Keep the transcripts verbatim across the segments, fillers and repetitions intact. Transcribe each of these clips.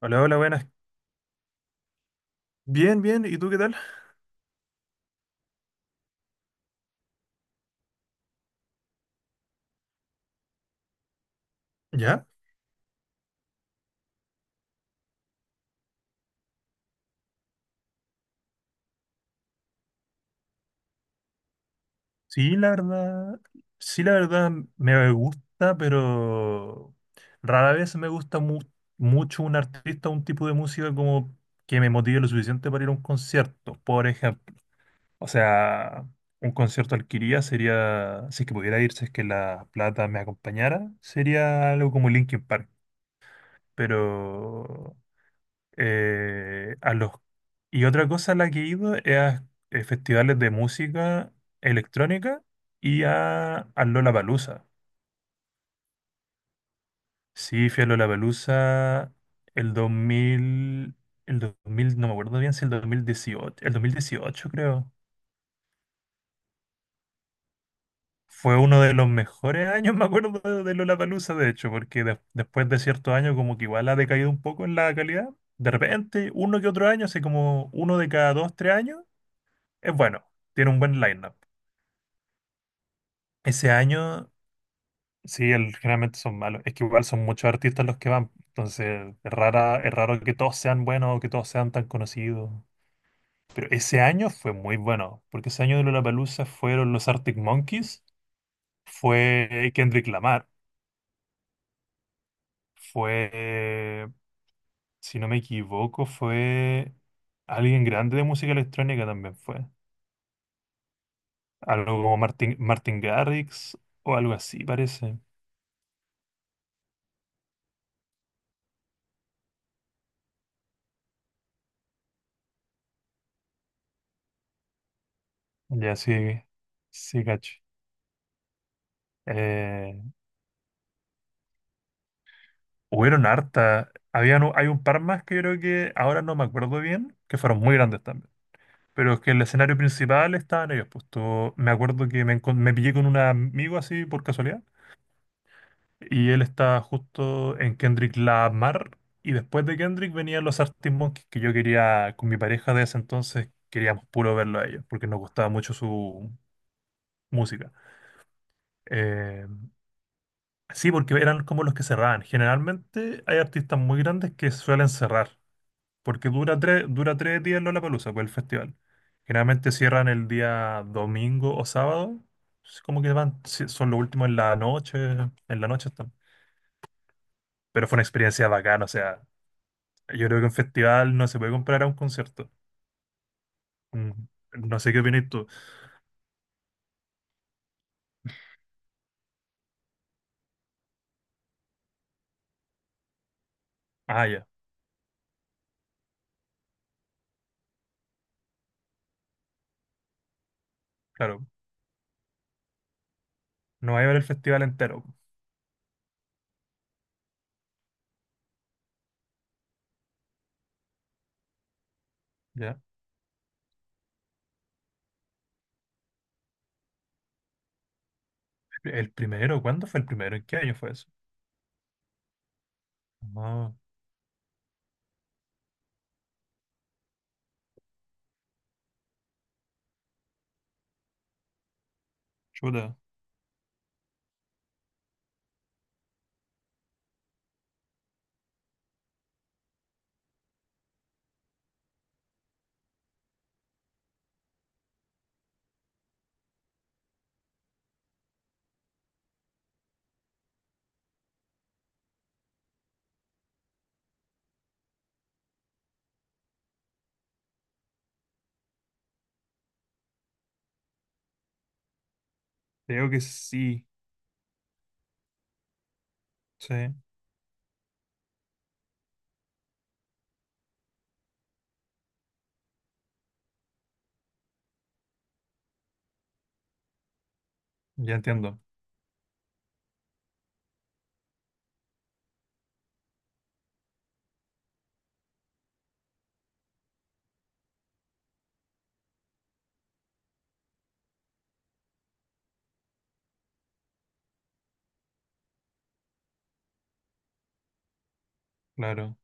Hola, hola, buenas. Bien, bien. ¿Y tú qué tal? ¿Ya? Sí, la verdad. Sí, la verdad me gusta, pero rara vez me gusta mu- mucho un artista o un tipo de música como que me motive lo suficiente para ir a un concierto, por ejemplo. O sea, un concierto al que iría sería, si es que pudiera ir, si es que la plata me acompañara, sería algo como Linkin Park. Pero eh, a los... Y otra cosa a la que he ido es a eh, festivales de música electrónica y a, al Lollapalooza. Sí, fui a Lollapalooza el dos mil el dos mil no me acuerdo bien si el dos mil dieciocho, el dos mil dieciocho creo. Fue uno de los mejores años, me acuerdo, de de Lollapalooza, de hecho, porque de- después de ciertos años como que igual ha decaído un poco en la calidad. De repente, uno que otro año, así como uno de cada dos, tres años, es bueno, tiene un buen line. Ese año, sí, el generalmente son malos. Es que igual son muchos artistas los que van. Entonces, es rara, es raro que todos sean buenos o que todos sean tan conocidos. Pero ese año fue muy bueno, porque ese año de Lollapalooza fueron los Arctic Monkeys, fue Kendrick Lamar, fue, si no me equivoco, fue alguien grande de música electrónica también fue. Algo como Martin, Martin Garrix o algo así, parece. Ya sí, sí, cacho. eh, Hubieron harta. Habían, u- hay un par más que yo creo que ahora no me acuerdo bien, que fueron muy grandes también. Pero es que el escenario principal estaban ellos. Pues todo- me acuerdo que me, encon- me pillé con un amigo así por casualidad. Y él estaba justo en Kendrick Lamar. Y después de Kendrick venían los Arctic Monkeys que yo quería, con mi pareja de ese entonces, queríamos puro verlo a ellos, porque nos gustaba mucho su música. Eh, sí, porque eran como los que cerraban. Generalmente hay artistas muy grandes que suelen cerrar. Porque dura tres, dura tres días Lollapalooza, pues el festival. Generalmente cierran el día domingo o sábado, es como que van, sí, son los últimos en la noche, en la noche están. Pero fue una experiencia bacana, o sea, yo creo que un festival no se puede comparar a un concierto. Mm, no sé qué opinas tú. Ah, ya, claro, no va a haber el festival entero, ¿ya? ¿El primero? ¿Cuándo fue el primero? ¿En qué año fue eso? No, chuta, creo que sí, sí, ya entiendo, claro.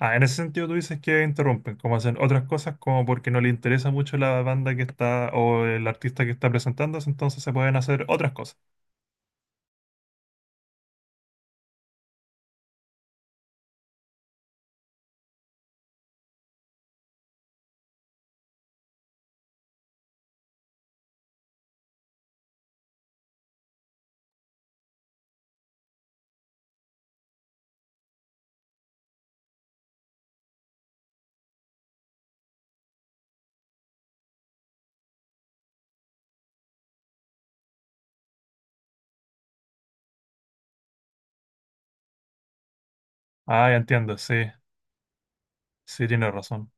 Ah, en ese sentido tú dices que interrumpen, como hacen otras cosas, como porque no le interesa mucho la banda que está o el artista que está presentándose, entonces se pueden hacer otras cosas. Ah, ya entiendo, sí, sí, tienes razón.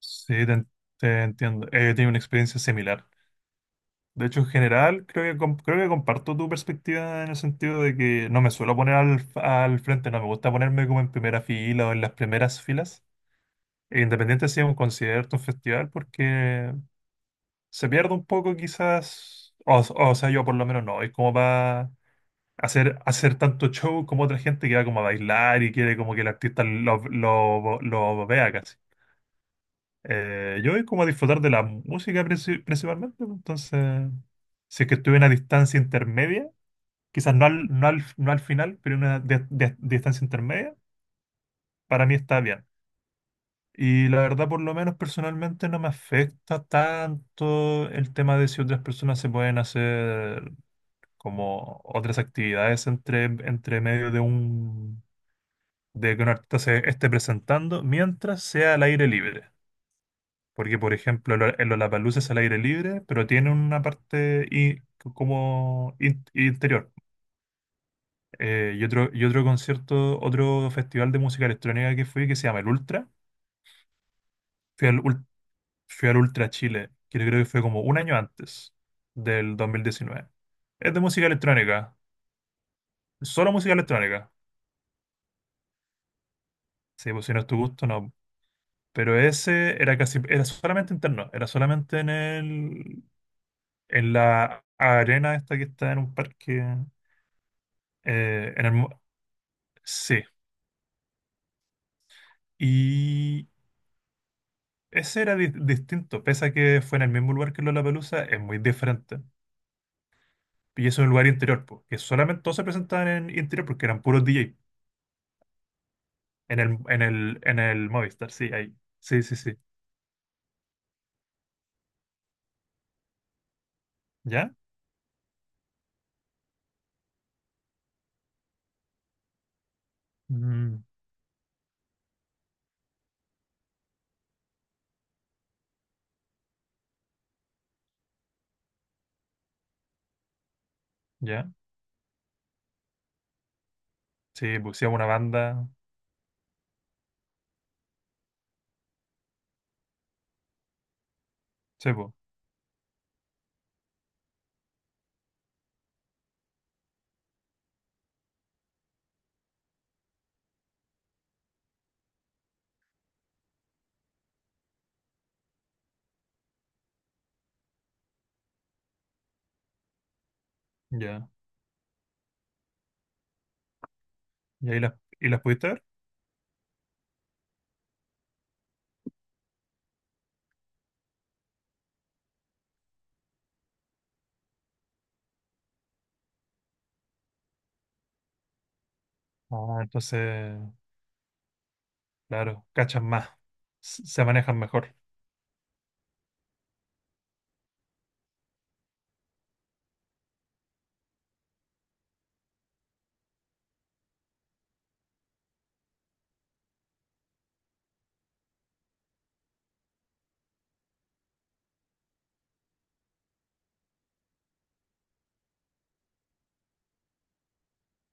Sí, te, en- te entiendo. Eh, tiene una experiencia similar. De hecho, en general, creo que, com- creo que comparto tu perspectiva en el sentido de que no me suelo poner al, al frente, no me gusta ponerme como en primera fila o en las primeras filas, independiente si es un concierto, un festival, porque se pierde un poco quizás, o, o sea, yo por lo menos no, es como para hacer, hacer tanto show como otra gente que va como a bailar y quiere como que el artista lo, lo, lo vea casi. Eh, yo es como a disfrutar de la música princi- principalmente, pues, entonces, si es que estuve en una distancia intermedia, quizás no al, no al, no al final, pero en una di- di- distancia intermedia, para mí está bien. Y la verdad, por lo menos personalmente, no me afecta tanto el tema de si otras personas se pueden hacer como otras actividades entre, entre medio de un de que un artista se esté presentando mientras sea al aire libre. Porque, por ejemplo, lo- el Lollapalooza es al aire libre, pero tiene una parte i- como in- interior. Eh, y otro, y otro concierto, otro festival de música electrónica que fui que se llama el Ultra. Fui al, Ul- fui al Ultra Chile, que yo creo que fue como un año antes del dos mil diecinueve. Es de música electrónica, solo música electrónica. Sí, pues si no es tu gusto, no. Pero ese era casi, era solamente interno, era solamente en el, en la arena esta que está en un parque, eh, en el, mo- sí. Y ese era di- distinto, pese a que fue en el mismo lugar que Lollapalooza, es muy diferente. Y eso es un lugar interior, po, que solamente todos se presentaban en interior porque eran puros D J, en el, en el, en el Movistar, sí, ahí. Sí, sí, sí. ¿Ya? Mm, ¿ya? Sí, pues sí, una banda, sí, pues, ya. ¿Y ahí las, y las pudiste ver? Ah, entonces, claro, cachan más, s- se manejan mejor.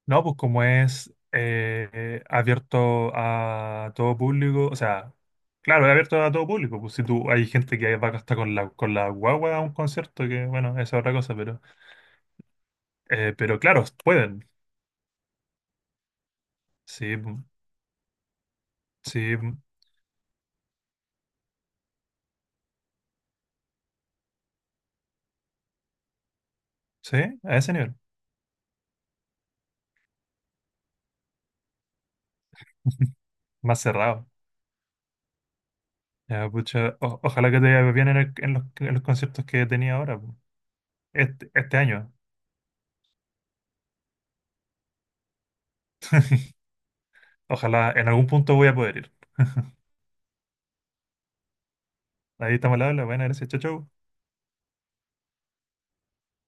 No, pues como es eh, eh, abierto a todo público, o sea, claro, es abierto a todo público. Pues si tú hay gente que va hasta con la, con la guagua a un concierto, que bueno, esa es otra cosa, pero, eh, pero claro, pueden. Sí, pu- sí, pu- sí, a ese nivel. Más cerrado. Ya, pucha, o- ojalá que te vaya bien en, el- en los, en los conciertos que tenía ahora, pu. Este, este año. Ojalá en algún punto voy a poder ir. Ahí estamos al habla. Buenas, gracias. Chau, chau.